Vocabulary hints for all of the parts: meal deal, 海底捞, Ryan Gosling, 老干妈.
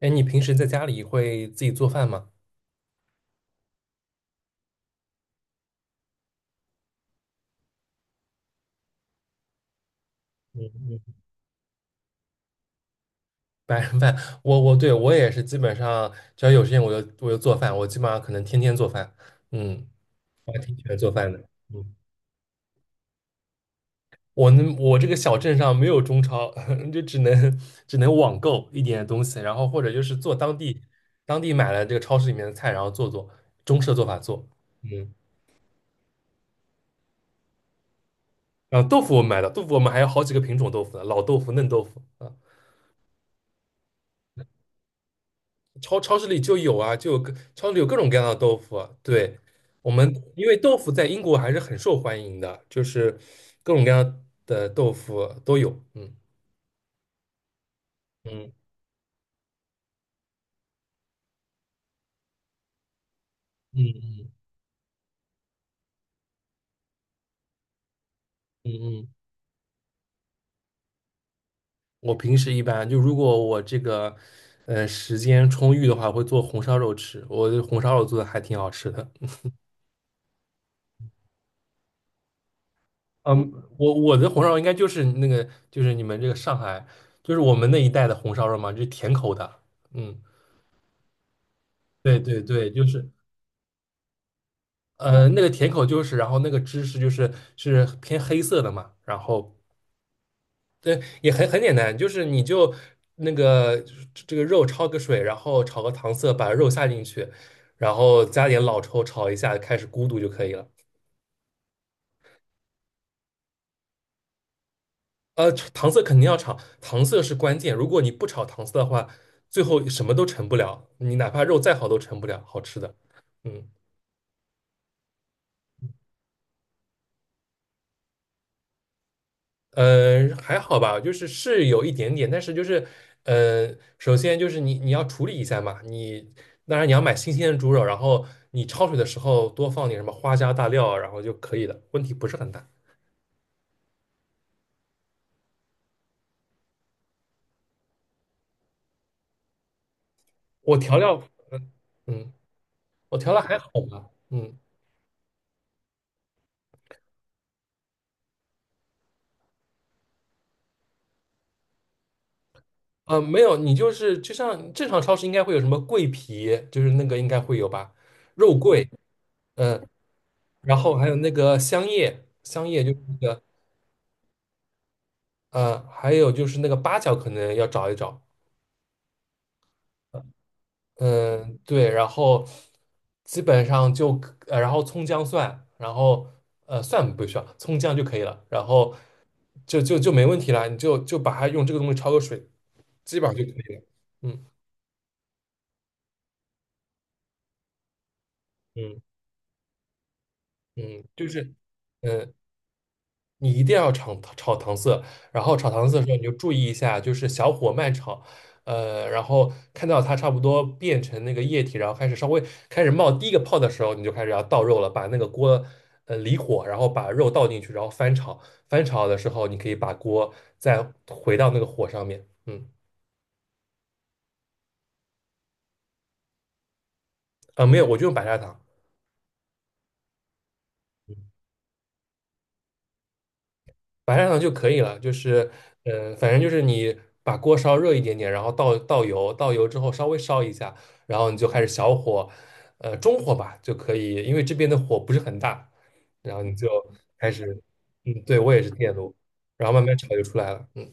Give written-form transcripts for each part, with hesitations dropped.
哎，你平时在家里会自己做饭吗？嗯嗯，白人饭，我对我也是，基本上只要有时间我就做饭，我基本上可能天天做饭。嗯，我还挺喜欢做饭的。嗯，我这个小镇上没有中超，就只能网购一点东西，然后或者就是做当地买了这个超市里面的菜，然后做做中式的做法做。嗯，然后豆腐我们买的，豆腐我们还有好几个品种豆腐呢，老豆腐、嫩豆腐。啊。超市里就有啊，就有各超市里有各种各样的豆腐啊对，我们因为豆腐在英国还是很受欢迎的，就是各种各样的豆腐都有。嗯嗯嗯嗯嗯，我平时一般就如果我这个时间充裕的话，会做红烧肉吃。我的红烧肉做的还挺好吃的。嗯，我的红烧肉应该就是那个就是你们这个上海就是我们那一带的红烧肉嘛，就是甜口的。嗯，对对对，就是。那个甜口就是，然后那个芝士就是偏黑色的嘛，然后对，也很简单，就是你就那个这个肉焯个水，然后炒个糖色，把肉下进去，然后加点老抽炒一下，开始咕嘟就可以了。糖色肯定要炒，糖色是关键，如果你不炒糖色的话，最后什么都成不了，你哪怕肉再好都成不了好吃的。嗯。嗯，还好吧，就是有一点点，但是就是，首先就是你要处理一下嘛，你当然你要买新鲜的猪肉，然后你焯水的时候多放点什么花椒大料，然后就可以了，问题不是很大。我调料，嗯，我调料还好吧，嗯，没有，你就是就像正常超市应该会有什么桂皮，就是那个应该会有吧，肉桂，嗯，然后还有那个香叶，香叶就是那个，还有就是那个八角可能要找一找。嗯，对，然后基本上然后葱姜蒜，然后蒜不需要，葱姜就可以了，然后就没问题了，你就把它用这个东西焯个水，基本上就可以了。嗯嗯嗯，就是嗯，你一定要炒炒糖色，然后炒糖色的时候你就注意一下，就是小火慢炒，然后看到它差不多变成那个液体，然后稍微开始冒第一个泡的时候，你就开始要倒肉了，把那个锅离火，然后把肉倒进去，然后翻炒，翻炒的时候你可以把锅再回到那个火上面，嗯，啊没有，我就用白砂糖。白砂糖就可以了，就是，反正就是你把锅烧热一点点，然后倒油，倒油之后稍微烧一下，然后你就开始小火，中火吧就可以，因为这边的火不是很大，然后你就开始，嗯，对，我也是电炉，然后慢慢炒就出来了，嗯，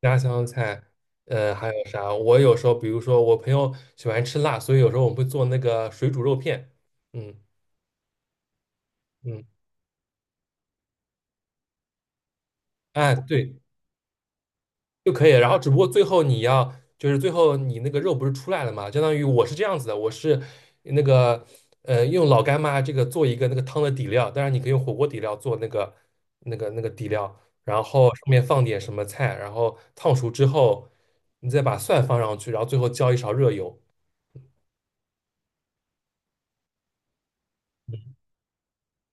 家乡菜，还有啥？我有时候比如说我朋友喜欢吃辣，所以有时候我们会做那个水煮肉片，嗯嗯，哎，对，就可以了然后只不过最后你要，就是最后你那个肉不是出来了嘛？相当于我是这样子的，我是那个用老干妈这个做一个那个汤的底料，当然你可以用火锅底料做那个底料，然后上面放点什么菜，然后烫熟之后，你再把蒜放上去，然后最后浇一勺热油。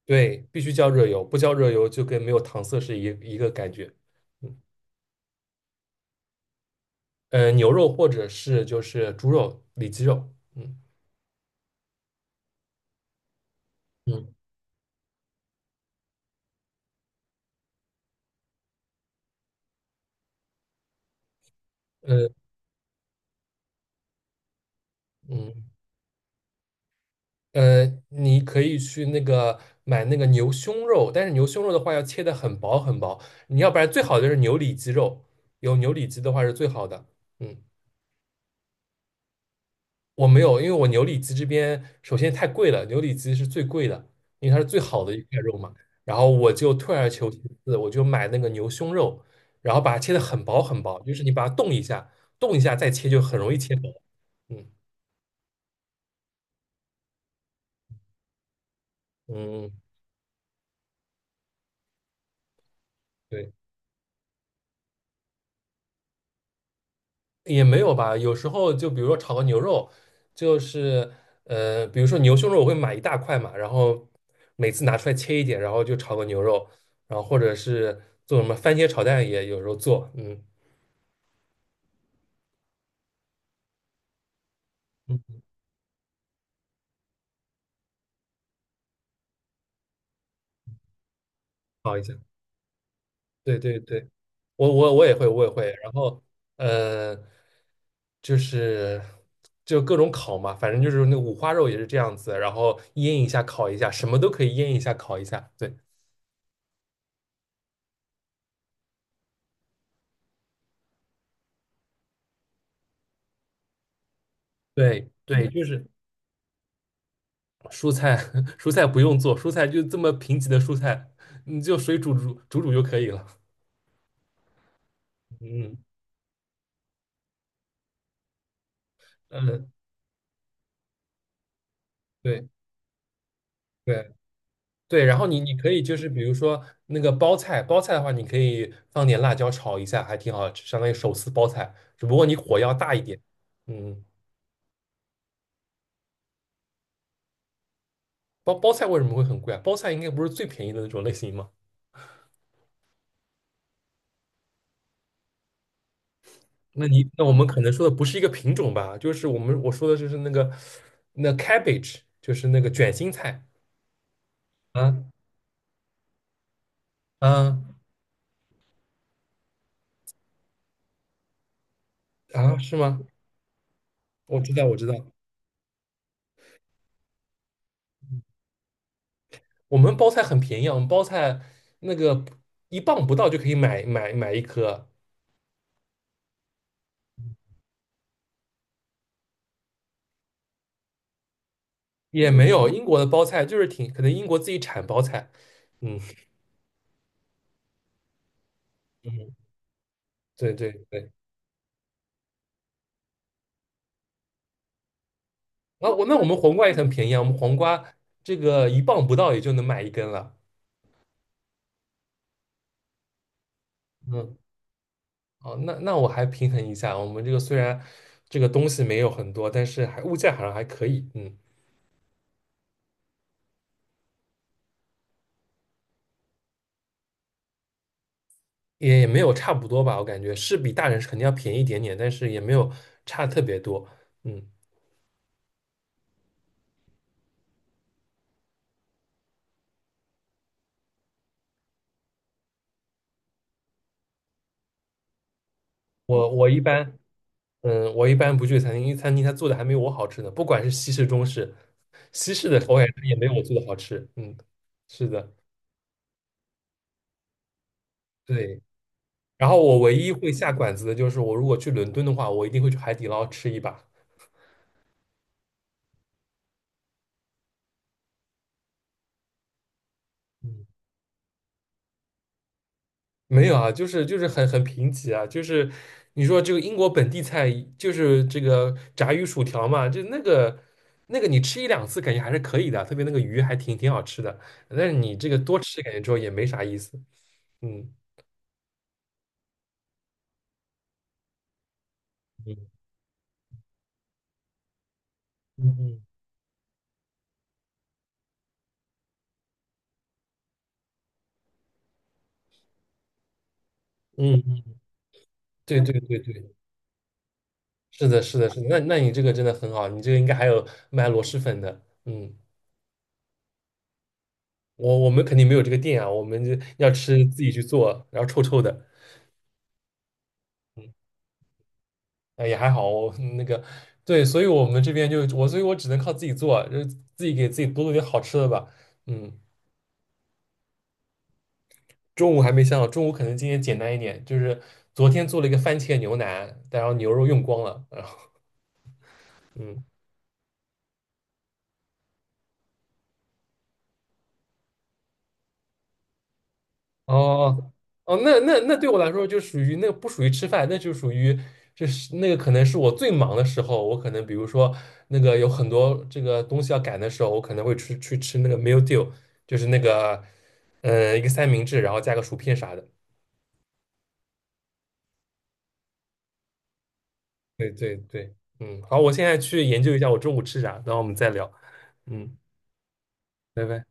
对，必须浇热油，不浇热油就跟没有糖色是一个感觉。嗯，牛肉或者是就是猪肉、里脊肉。嗯嗯呃嗯。嗯你可以去那个买那个牛胸肉，但是牛胸肉的话要切的很薄很薄，你要不然最好的就是牛里脊肉，有牛里脊的话是最好的。嗯，我没有，因为我牛里脊这边首先太贵了，牛里脊是最贵的，因为它是最好的一块肉嘛。然后我就退而求其次，我就买那个牛胸肉，然后把它切的很薄很薄，就是你把它冻一下，冻一下再切就很容易切薄。嗯嗯，对。也没有吧，有时候就比如说炒个牛肉，就是比如说牛胸肉，我会买一大块嘛，然后每次拿出来切一点，然后就炒个牛肉，然后或者是做什么番茄炒蛋也有时候做，嗯嗯，炒一下，对对对，我也会，然后呃，就是就各种烤嘛，反正就是那五花肉也是这样子，然后腌一下烤一下，什么都可以腌一下烤一下，对对对，就是。蔬菜 蔬菜不用做，蔬菜就这么贫瘠的蔬菜，你就水煮煮煮煮就可以了。嗯嗯，对对对，然后你可以就是比如说那个包菜，包菜的话，你可以放点辣椒炒一下，还挺好吃，相当于手撕包菜，只不过你火要大一点。嗯，包菜为什么会很贵啊？包菜应该不是最便宜的那种类型吗？那我们可能说的不是一个品种吧？就是我说的就是那个那 cabbage，就是那个卷心菜啊啊啊，是吗？我知道，我知道，我们包菜很便宜啊，我们包菜那个一磅不到就可以买一颗，也没有英国的包菜就是挺可能英国自己产包菜，嗯嗯，对对对，那我们黄瓜也很便宜啊，我们黄瓜这个一磅不到也就能买一根了，嗯，哦，那我还平衡一下，我们这个虽然这个东西没有很多，但是还物价好像还可以，嗯，也没有差不多吧，我感觉是比大人是肯定要便宜一点点，但是也没有差特别多，嗯。我一般，嗯，我一般不去餐厅，因为餐厅他做的还没有我好吃呢。不管是西式、中式，西式的口感也没有我做的好吃。嗯，是的，对。然后我唯一会下馆子的就是，我如果去伦敦的话，我一定会去海底捞吃一把。嗯，没有啊，就是很贫瘠啊，就是你说这个英国本地菜，就是这个炸鱼薯条嘛，就那个你吃一两次感觉还是可以的，特别那个鱼还挺好吃的。但是你这个多吃感觉之后也没啥意思。嗯嗯。嗯嗯嗯，嗯对对对对，是的，是的，是的。那你这个真的很好，你这个应该还有卖螺蛳粉的。嗯，我们肯定没有这个店啊，我们就要吃自己去做，然后臭臭的。嗯，哎也还好哦，我那个对，所以我们这边就我，所以我只能靠自己做啊，就是自己给自己多做点好吃的吧。嗯，中午还没想好，中午可能今天简单一点，就是昨天做了一个番茄牛腩，然后牛肉用光了，然后嗯。哦哦，哦那对我来说就属于那个不属于吃饭，那就属于就是那个可能是我最忙的时候，我可能比如说那个有很多这个东西要赶的时候，我可能会去吃那个 meal deal，就是那个一个三明治，然后加个薯片啥的。对对对，嗯，好，我现在去研究一下我中午吃啥，然后我们再聊，嗯，拜拜。